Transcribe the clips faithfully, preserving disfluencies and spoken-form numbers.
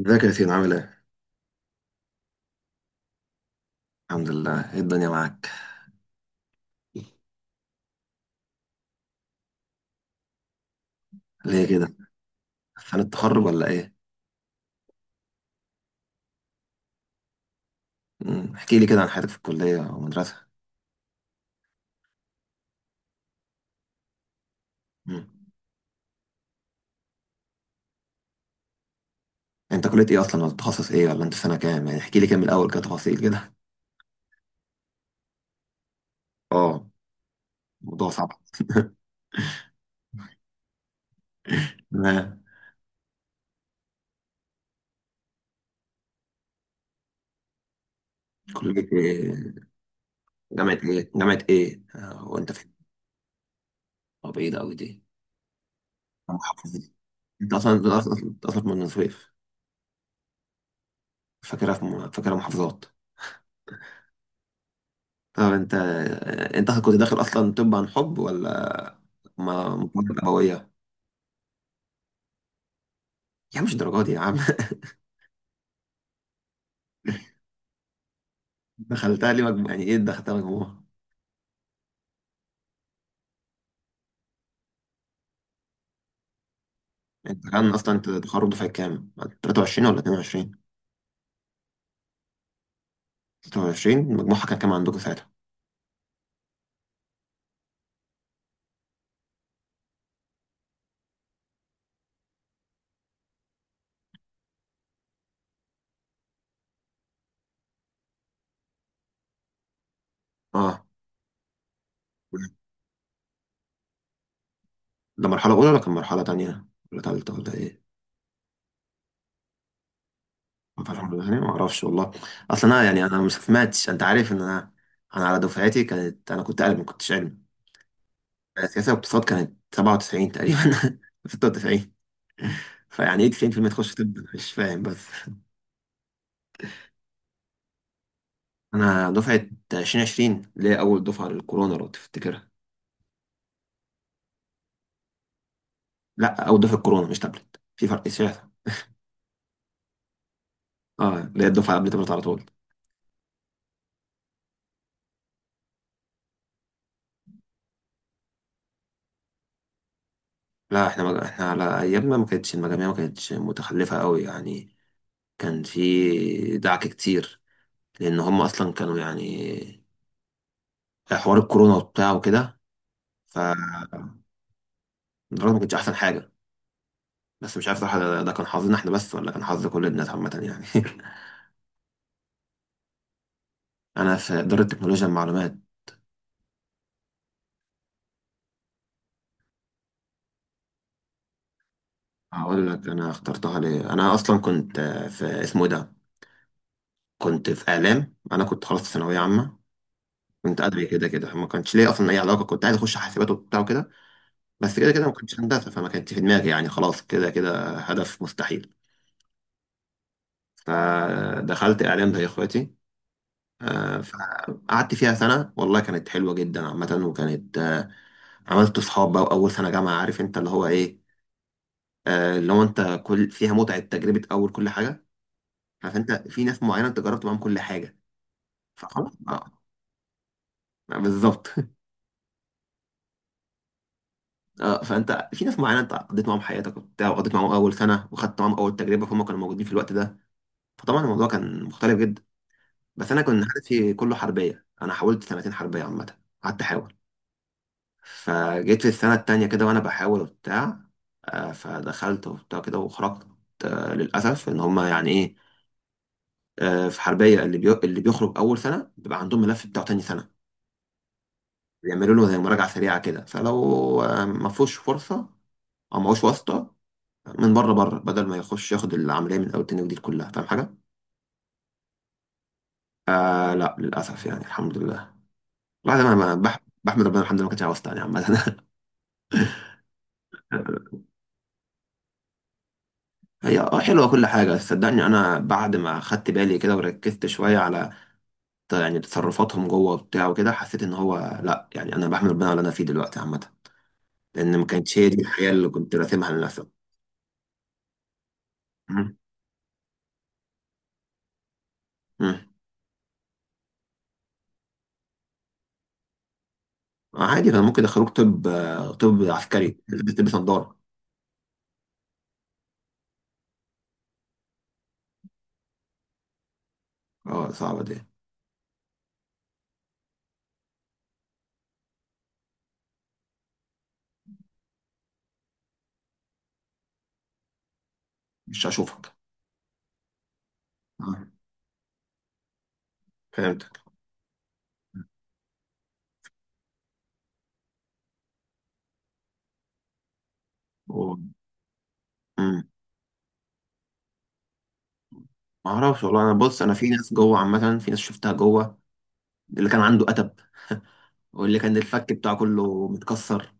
ازيك يا ياسين عامل ايه؟ الحمد لله ايه الدنيا معاك؟ ليه كده؟ فن التخرج ولا ايه؟ مم. احكي لي كده عن حياتك في الكلية او المدرسة. مم. انت كلية ايه اصلا ولا تخصص ايه ولا انت في سنة كام؟ يعني احكي لي كده من الاول كده تفاصيل كده. اه الموضوع صعب. تمام كلية ايه؟ جامعة ايه؟ جامعة ايه؟ آه، وانت فين؟ طب ايه ده اوي دي؟ أنا محافظ دي. انت اصلا انت اصلا أنت أصلاً من بني سويف، فاكرها في م- فاكرها محافظات. طب انت انت كنت داخل اصلا؟ طب عن حب ولا ما مقابلة قوية؟ يا عم مش الدرجه دي يا عم. دخلتها ليه مجموعة؟ يعني ايه دخلتها مجموعة؟ انت كان اصلا انت تخرج دفعة كام، ثلاثة وعشرين ولا اثنين وعشرين؟ تلاتة وعشرين مجموعها كان كام عندكم ساعتها؟ اه، ده مرحلة أولى ولا كان مرحلة تانية ولا تالتة ولا إيه؟ ما فيهاش مرحلة تانية، ما أعرفش والله. أصلا أنا يعني أنا ما سمعتش، أنت عارف إن أنا، أنا على دفعتي كانت، أنا كنت قلم ما كنتش علم. سياسة واقتصاد كانت سبعة وتسعين تقريبا، ستة وتسعين. فيعني إيه تسعين في المية تخش طب؟ أنا مش فاهم بس. انا دفعه ألفين وعشرين اللي هي اول دفعه للكورونا لو تفتكرها. لا اول دفعه كورونا مش تابلت، في فرق شاسع. اه اللي هي الدفعه قبل تابلت على طول. لا احنا مج... احنا على ايامنا ما كانتش المجاميع، ما كانتش متخلفه قوي يعني. كان في دعك كتير لان هم اصلا كانوا يعني حوار الكورونا وبتاع وكده. ف الدراسه ما كانتش احسن حاجه، بس مش عارف صراحه، ده ده كان حظنا احنا بس ولا كان حظ كل الناس عامه يعني. انا في اداره تكنولوجيا المعلومات. هقول لك انا اخترتها ليه. انا اصلا كنت آه، في اسمه إيه ده، كنت في اعلام. انا كنت خلاص في ثانويه عامه، كنت ادبي، كده كده ما كانش ليا اصلا اي علاقه. كنت عايز اخش حاسبات وبتاع وكده، بس كده كده ما كنتش هندسه فما كانتش في دماغي يعني، خلاص كده كده هدف مستحيل. فدخلت اعلام زي اخواتي، آه، فقعدت فيها سنه والله كانت حلوه جدا عامه، وكانت آه، عملت صحاب بقى. واول سنه جامعه عارف انت اللي هو ايه، آه، اللي هو انت كل فيها متعه، تجربه اول كل حاجه. عارف انت في ناس معينه انت جربت معاهم كل حاجه. فخلاص اه، بالظبط. اه فانت في ناس معينه انت قضيت معاهم حياتك وبتاع، وقضيت معاهم اول سنه وخدت معاهم اول تجربه، فهم كانوا موجودين في الوقت ده. فطبعا الموضوع كان مختلف جدا. بس انا كنت حياتي كله حربيه، انا حاولت سنتين حربيه عامه، قعدت احاول. فجيت في السنه التانيه كده وانا بحاول وبتاع، آه، فدخلت وبتاع كده وخرجت. آه، للاسف ان هم يعني ايه، آه، في حربيه اللي بيو... اللي بيخرج اول سنه بيبقى عندهم ملف بتاعه تاني سنه، بيعملوا له زي مراجعه سريعه كده. فلو آه، ما فيهوش فرصه او ما هوش واسطه من بره بره، بدل ما يخش ياخد العمليه من اول تاني، ودي كلها، فاهم حاجه؟ آه لا للاسف يعني، الحمد لله. الواحد انا ما- بح- بحمد ربنا، الحمد لله ما كانتش عاوز تاني عامه. هي اه حلوه كل حاجه، بس صدقني انا بعد ما خدت بالي كده وركزت شويه على ت- يعني تصرفاتهم جوه وبتاع وكده، حسيت ان هو لا، يعني انا بحمد ربنا على اللي انا فيه دلوقتي عامه، لان ما كانتش هي دي الحياه اللي كنت راسمها لنفسي. مم. مم. آه، عادي كان ممكن يدخلوك طب، آه، طب عسكري تلبس نظاره. اه صعبه دي. مش هشوفك. آه. فهمتك. امم، ما اعرفش والله. انا بص انا في ناس جوه عامه، في ناس شفتها جوه، اللي كان عنده اتب، واللي كان الفك بتاعه كله متكسر.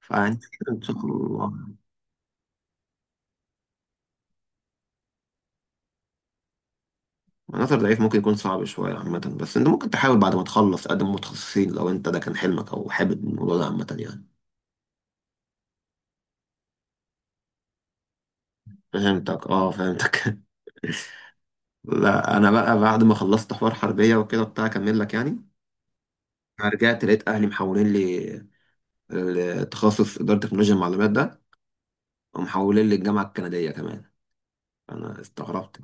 فانت ان شاء الله، عناصر ضعيف ممكن يكون صعب شويه عامه، بس انت ممكن تحاول بعد ما تخلص تقدم متخصصين، لو انت ده كان حلمك او حابب الموضوع ده عامه يعني. فهمتك اه فهمتك. لا انا بقى بعد ما خلصت حوار حربيه وكده بتاع، اكمل لك يعني. أنا رجعت لقيت اهلي محولين لي التخصص اداره تكنولوجيا المعلومات ده، ومحولين لي الجامعه الكنديه كمان. انا استغربت،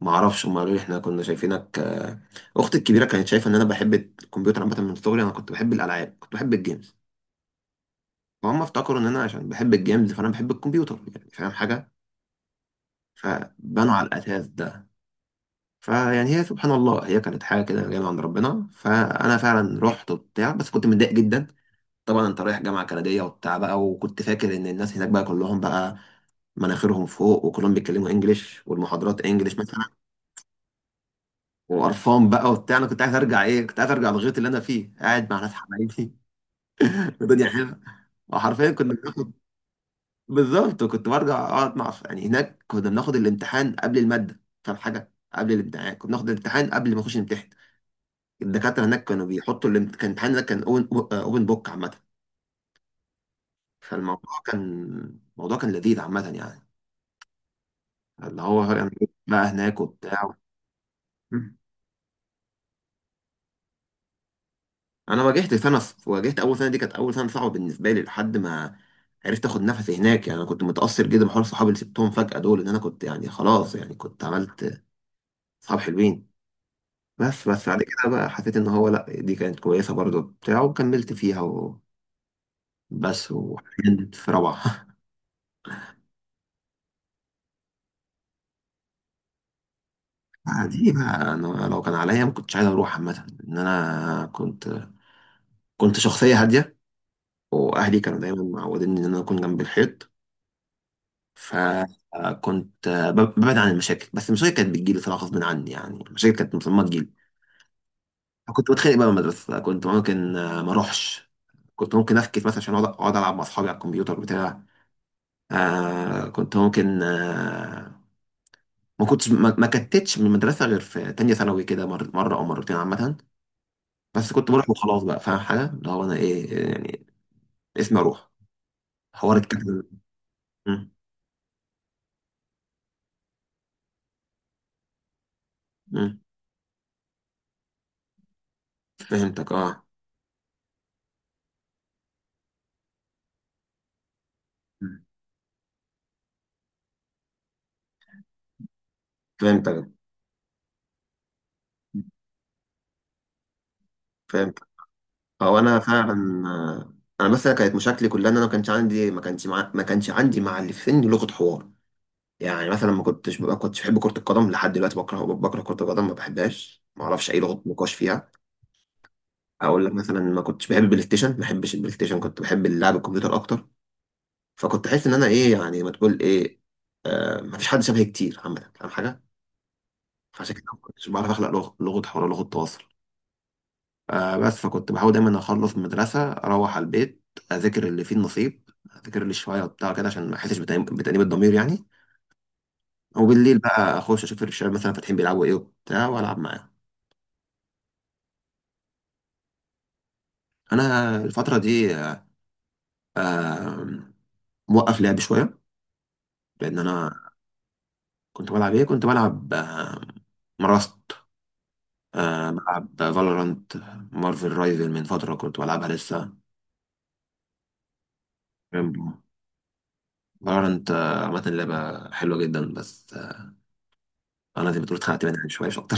ما اعرفش. هم قالوا لي احنا كنا شايفينك، آه، اختي الكبيره كانت شايفه ان انا بحب الكمبيوتر عامه، من صغري انا كنت بحب الالعاب، كنت بحب الجيمز. فهم افتكروا ان انا عشان بحب الجيمز فانا بحب الكمبيوتر يعني، فاهم حاجه. فبنوا على الاساس ده. فيعني هي سبحان الله هي كانت حاجه كده جايه من عند ربنا، فانا فعلا رحت وبتاع، بس كنت متضايق جدا. طبعا انت رايح جامعه كنديه وبتاع بقى، وكنت فاكر ان الناس هناك بقى كلهم بقى مناخيرهم فوق وكلهم بيتكلموا انجليش والمحاضرات انجليش مثلا. وقرفان بقى وبتاع، انا كنت عايز ارجع ايه، كنت عايز ارجع للغيط اللي انا فيه قاعد مع ناس حبايبي. الدنيا حلوه. وحرفيا كنا بناخد، بالظبط، وكنت برجع اقعد مع يعني، هناك كنا بناخد الامتحان قبل الماده، فاهم حاجه، قبل الامتحان كنا بناخد الامتحان قبل ما نخش نمتحن. الدكاتره هناك كانوا بيحطوا الامت- كان الامتحان هناك كان اوبن اوبن بوك عامه. فالموضوع كان، الموضوع كان لذيذ عامه يعني، اللي هو يعني إيه بقى هناك وبتاع. انا واجهت سنه، واجهت اول سنه، دي كانت اول سنه صعبه بالنسبه لي لحد ما عرفت اخد نفسي هناك يعني. انا كنت متاثر جدا بحوار صحابي اللي سبتهم فجاه دول، ان انا كنت يعني خلاص يعني كنت عملت صحاب حلوين. بس بس بعد كده بقى حسيت ان هو لا دي كانت كويسه برضو بتاع وكملت فيها، وبس. وحاليا في روعه. دي بقى انا لو كان عليا ما كنتش عايز اروح عامه. ان انا كنت كنت شخصيه هاديه، واهلي كانوا دايما معودين ان انا اكون جنب الحيط. فكنت ببعد عن المشاكل، بس المشاكل كانت بتجيلي صراحة غصب عني، يعني المشاكل كانت مصممة تجيلي. كنت بتخانق بقى من المدرسة، كنت ممكن آه، ما اروحش، كنت ممكن افكس مثلا عشان اقعد أقعد العب مع اصحابي على الكمبيوتر بتاع. آه كنت ممكن آه، ما كنتش ما, ما كتتش من المدرسة غير في تانية ثانوي كده، مر- مرة او مرتين عامة. بس كنت بروح وخلاص بقى، فاهم حاجة اللي هو انا ايه يعني، اسمي اروح. حوار الكتب. م- م- فهمتك اه، م- فهمتك. او انا فعلا، انا مثلا كانت مشاكلي كلها ان انا ما كانش عندي، ما كانش مع... ما كانش عندي مع اللي في سني لغه حوار. يعني مثلا ما كنتش ما كنتش بحب كره القدم لحد دلوقتي، بكره، بكره كره القدم ما بحبهاش، ما اعرفش اي لغه نقاش فيها. اقول لك مثلا ما كنتش بحب البلاي ستيشن، ما بحبش البلاي ستيشن، كنت بحب اللعب الكمبيوتر اكتر. فكنت احس ان انا ايه يعني، ما تقول ايه، ما فيش حد شبهي كتير عامه فاهم حاجه. فعشان كده ما كنتش بعرف اخلق لغه، لغه حوار، لغه تواصل. آه بس، فكنت بحاول دايما اخلص من المدرسه اروح على البيت، اذاكر اللي فيه النصيب، اذاكر اللي شويه وبتاع كده عشان ما احسش بتأنيب بتأنيب الضمير يعني. وبالليل بقى اخش اشوف الشباب مثلا فاتحين بيلعبوا ايه وبتاع والعب معاهم. انا الفتره دي آه، آه، موقف لعب شويه لان انا، كنت بلعب ايه، كنت بلعب آه، مراست، آه بلعب فالورانت، مارفل رايفل من فتره كنت بلعبها لسه. فالورانت عامه لعبه حلوه جدا، بس آه انا زي ما بتقول اتخنقت منها شويه مش أكتر.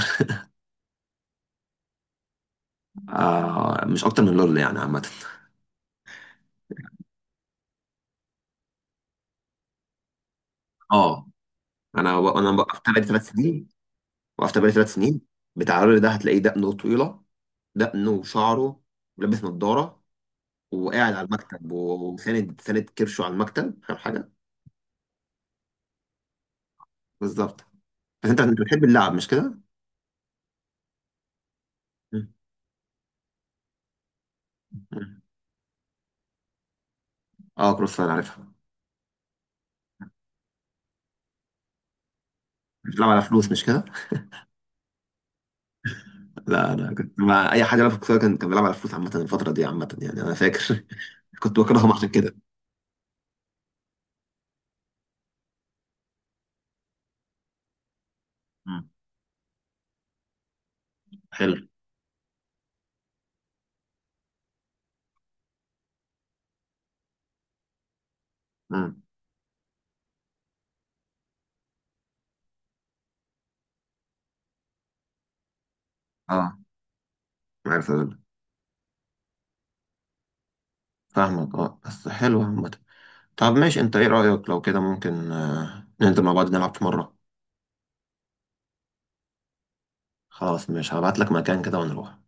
آه مش اكتر من لول يعني عامه. اه انا و... انا وقفت بقالي ثلاث سنين، وقفت بقالي ثلاث سنين. بتاع لول ده هتلاقيه دقنه طويله، دقنه وشعره، ولابس نظاره، وقاعد على المكتب و- وساند ساند كرشه على المكتب، فاهم حاجه. بالظبط. بس انت انت بتحب اللعب مش كده؟ مم. مم. اه كروس فاير عارفها. بتلعب على فلوس مش كده؟ لا انا كنت مع اي حاجه لعبها، في كروس فاير كان كان بيلعب على فلوس عامه الفتره دي عامه يعني، انا فاكر. كنت بكرههم عشان كده. مم. حلو. مم. اه عارف. فاهمك اه بس حلو عامة. طب ماشي، انت ايه رأيك لو كده ممكن آه، ننزل مع بعض نلعب في مرة؟ خلاص ماشي، هبعت لك مكان كده ونروح.